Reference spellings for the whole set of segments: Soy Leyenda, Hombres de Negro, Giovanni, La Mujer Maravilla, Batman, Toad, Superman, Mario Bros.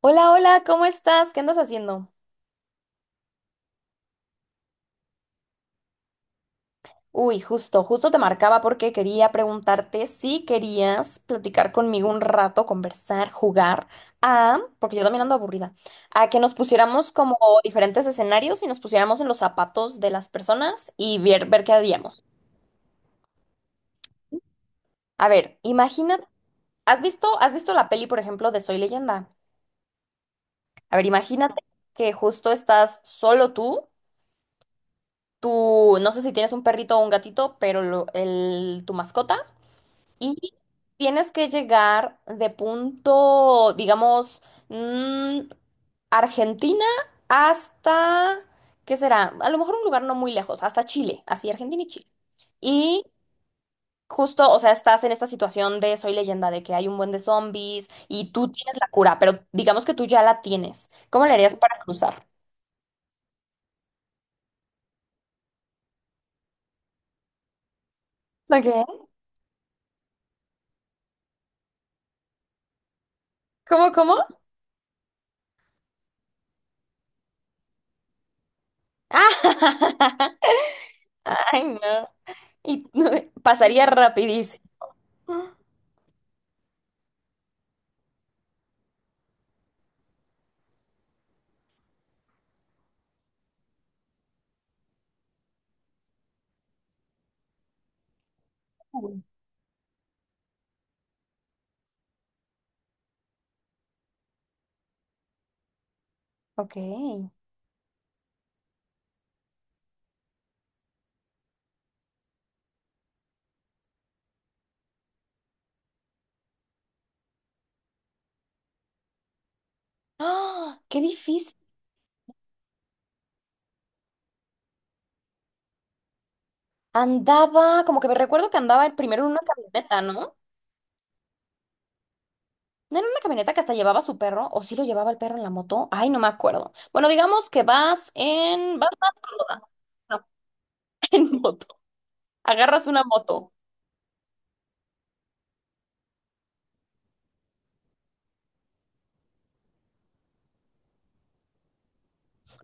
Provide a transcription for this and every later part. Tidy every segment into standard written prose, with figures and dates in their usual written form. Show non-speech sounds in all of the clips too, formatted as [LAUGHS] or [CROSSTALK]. Hola, hola, ¿cómo estás? ¿Qué andas haciendo? Uy, justo te marcaba porque quería preguntarte si querías platicar conmigo un rato, conversar, jugar a, porque yo también ando aburrida, a que nos pusiéramos como diferentes escenarios y nos pusiéramos en los zapatos de las personas y ver qué haríamos. A ver, imagínate, ¿has visto la peli, por ejemplo, de Soy Leyenda? A ver, imagínate que justo estás solo tú, no sé si tienes un perrito o un gatito, pero tu mascota. Y tienes que llegar de punto, digamos, mm, Argentina hasta, ¿qué será? A lo mejor un lugar no muy lejos, hasta Chile, así Argentina y Chile. Y justo, o sea, estás en esta situación de Soy Leyenda, de que hay un buen de zombies y tú tienes la cura, pero digamos que tú ya la tienes. ¿Cómo le harías para cruzar? ¿Qué? ¿Cómo? Ah, [LAUGHS] ay, no. Y [LAUGHS] pasaría rapidísimo. Ah, ok. ¡Ah! ¡Qué difícil! Andaba, como que me recuerdo que andaba el primero en una camioneta, ¿no? ¿No era una camioneta que hasta llevaba a su perro? ¿O sí lo llevaba el perro en la moto? Ay, no me acuerdo. Bueno, digamos que vas en vas más cómoda. No, [LAUGHS] en moto. Agarras una moto.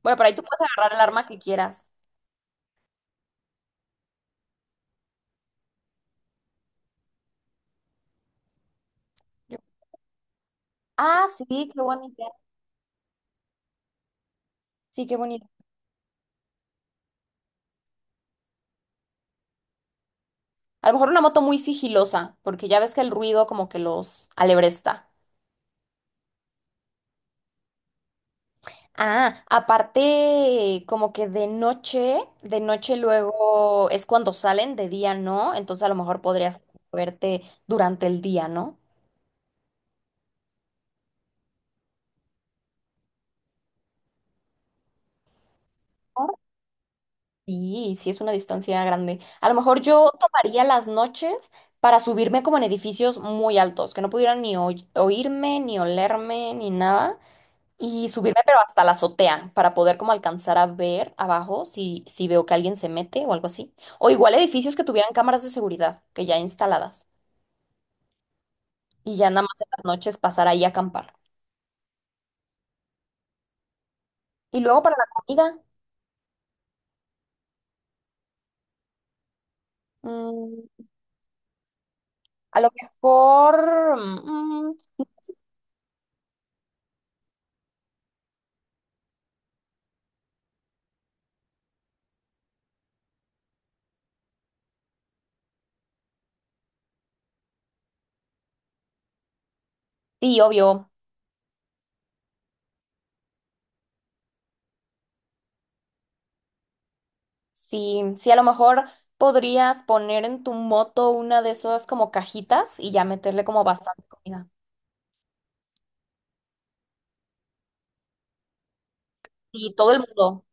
Bueno, pero ahí tú puedes agarrar el arma que quieras. Yo- ah, sí, qué bonita. Sí, qué bonita. A lo mejor una moto muy sigilosa, porque ya ves que el ruido como que los alebresta. Ah, aparte, como que de noche luego es cuando salen, de día no, entonces a lo mejor podrías verte durante el día, ¿no? Sí, sí es una distancia grande. A lo mejor yo tomaría las noches para subirme como en edificios muy altos, que no pudieran ni oírme, ni olerme, ni nada, y subirme pero hasta la azotea para poder como alcanzar a ver abajo si, si veo que alguien se mete o algo así. O igual edificios que tuvieran cámaras de seguridad, que ya instaladas. Y ya nada más en las noches pasar ahí a acampar. Y luego para la comida, mm, a lo mejor, mm, sí, obvio, sí, sí, a lo mejor podrías poner en tu moto una de esas como cajitas y ya meterle como bastante comida. Y todo el mundo,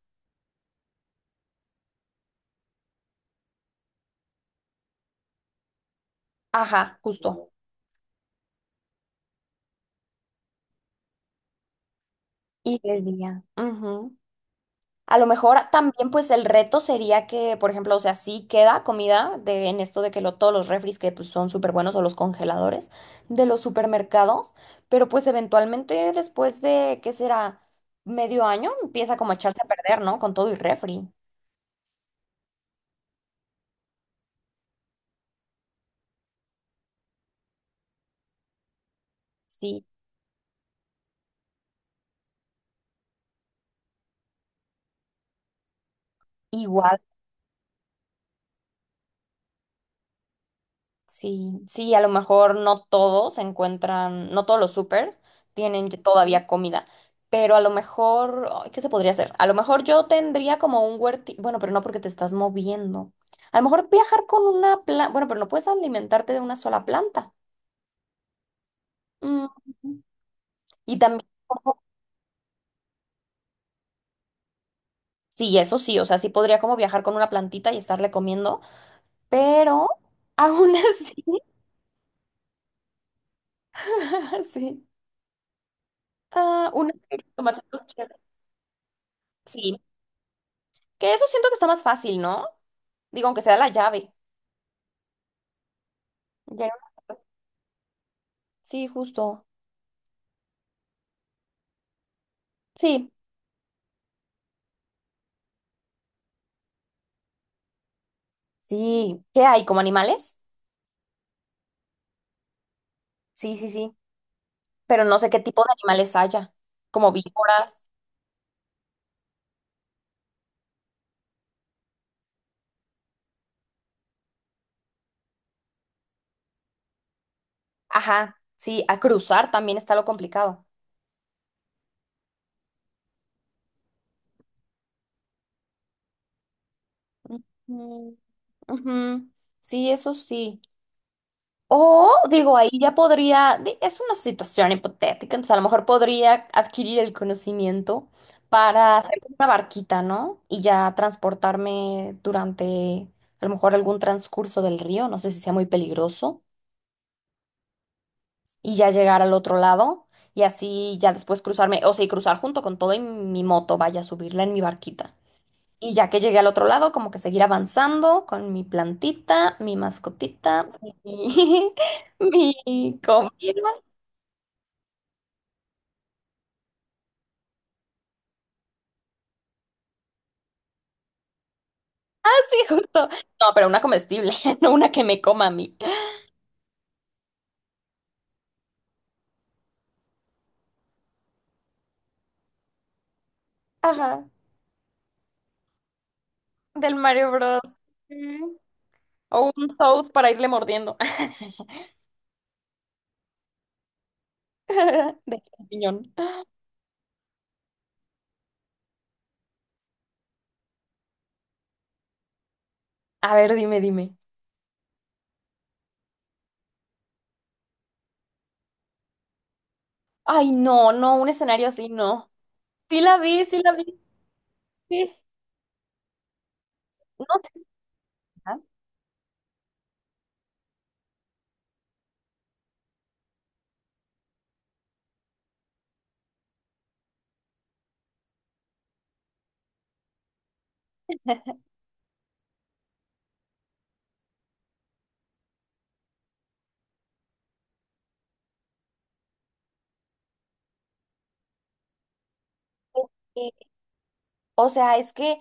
ajá, justo. Y el día. Ujú. A lo mejor también pues el reto sería que, por ejemplo, o sea, sí queda comida de, en esto de que lo, todos los refris que pues, son súper buenos o los congeladores de los supermercados, pero pues eventualmente después de, ¿qué será? Medio año empieza como a echarse a perder, ¿no? Con todo y refri. Sí. Igual. Sí, sí, a lo mejor no todos encuentran, no todos los supers tienen ya todavía comida, pero a lo mejor, ay, ¿qué se podría hacer? A lo mejor yo tendría como un huerti, bueno, pero no porque te estás moviendo. A lo mejor viajar con una planta, bueno, pero no puedes alimentarte de una sola planta. Mm, Y también, como- sí, eso sí, o sea, sí podría como viajar con una plantita y estarle comiendo, pero aún así, [LAUGHS] sí, ah, una tomatitos cherry. Sí, que eso siento que está más fácil, ¿no? Digo, aunque sea la llave. Ya era una- sí, justo. Sí, sí. ¿Qué hay? ¿Como animales? Sí, sí, sí. Pero no sé qué tipo de animales haya. Como víboras. Ajá. Sí, a cruzar también está lo complicado. Ujú, ujú. Sí, eso sí. O digo, ahí ya podría, es una situación hipotética, entonces a lo mejor podría adquirir el conocimiento para hacer como una barquita, ¿no? Y ya transportarme durante a lo mejor algún transcurso del río, no sé si sea muy peligroso, y ya llegar al otro lado y así ya después cruzarme, o sea, y cruzar junto con todo y mi moto, vaya a subirla en mi barquita. Y ya que llegué al otro lado, como que seguir avanzando con mi plantita, mi mascotita, mi, [LAUGHS] mi comida. [LAUGHS] Sí, justo. No, pero una comestible, [LAUGHS] no una que me coma a mí. Ajá, del Mario Bros. Mm. O un Toad para irle mordiendo. [LAUGHS] De champiñón. A ver, dime, dime. Ay, no, no, un escenario así, no. Sí la vi, sí la vi, sí. No sé si está. Eh, O sea, es que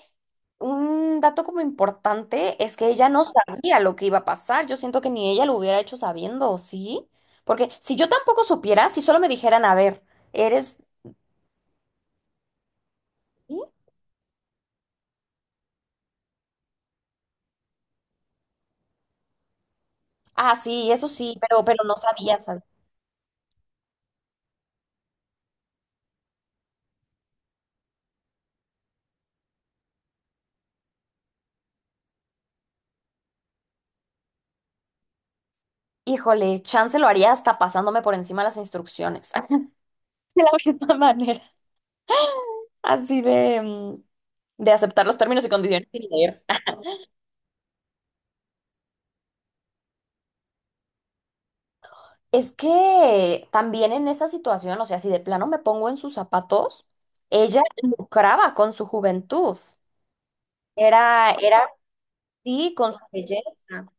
un dato como importante es que ella no sabía lo que iba a pasar. Yo siento que ni ella lo hubiera hecho sabiendo, ¿sí? Porque si yo tampoco supiera, si solo me dijeran, a ver, eres... ¿sí? Ah, sí, eso sí, pero no sabía, ¿sabes? Híjole, chance lo haría hasta pasándome por encima las instrucciones. [LAUGHS] De la misma manera. Así de, de aceptar los términos y condiciones sin leer. Es que también en esa situación, o sea, si de plano me pongo en sus zapatos, ella lucraba con su juventud. Era sí, con su belleza. A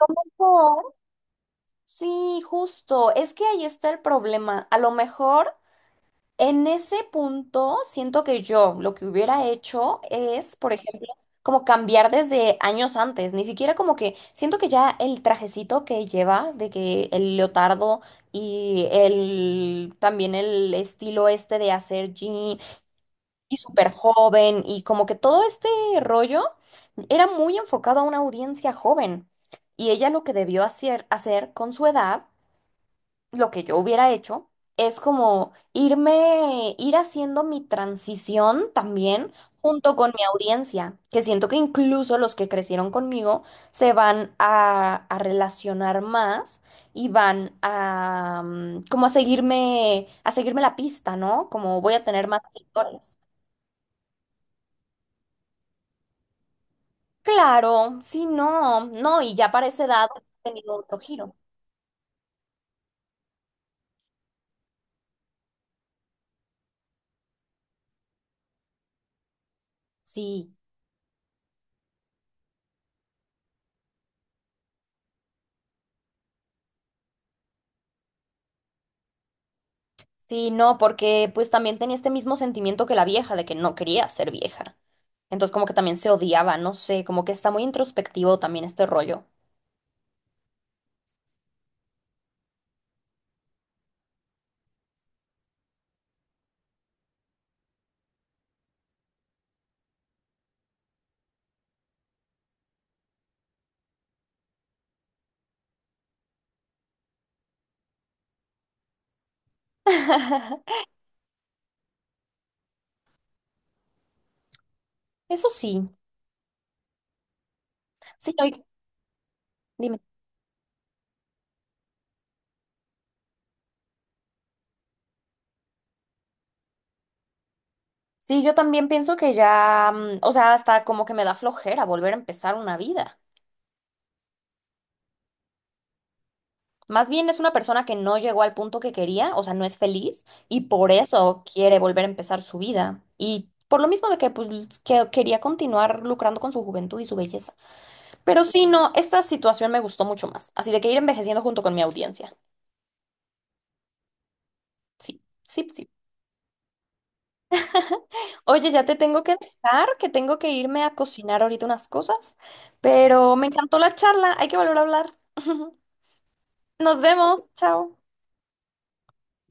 lo mejor, sí, justo. Es que ahí está el problema. A lo mejor. En ese punto, siento que yo lo que hubiera hecho es, por ejemplo, como cambiar desde años antes, ni siquiera como que siento que ya el trajecito que lleva, de que el leotardo y el también el estilo este de hacer jean y súper joven y como que todo este rollo era muy enfocado a una audiencia joven. Y ella lo que debió hacer, hacer con su edad lo que yo hubiera hecho es como irme, ir haciendo mi transición también junto con mi audiencia, que siento que incluso los que crecieron conmigo se van a relacionar más y van a como a seguirme la pista, ¿no? Como voy a tener más lectores. Claro, sí, no, no, y ya para esa edad he tenido otro giro. Sí. Sí, no, porque pues también tenía este mismo sentimiento que la vieja, de que no quería ser vieja. Entonces como que también se odiaba, no sé, como que está muy introspectivo también este rollo. [LAUGHS] Eso sí, sí, no, y- dime. Sí, yo también pienso que ya, o sea, hasta como que me da flojera volver a empezar una vida. Más bien es una persona que no llegó al punto que quería, o sea, no es feliz y por eso quiere volver a empezar su vida. Y por lo mismo de que pues que quería continuar lucrando con su juventud y su belleza. Pero sí, no, esta situación me gustó mucho más. Así de que ir envejeciendo junto con mi audiencia. Sí, sí, sí. Oye, ya te tengo que dejar, que tengo que irme a cocinar ahorita unas cosas, pero me encantó la charla, hay que volver a hablar. [LAUGHS] Nos vemos, chao.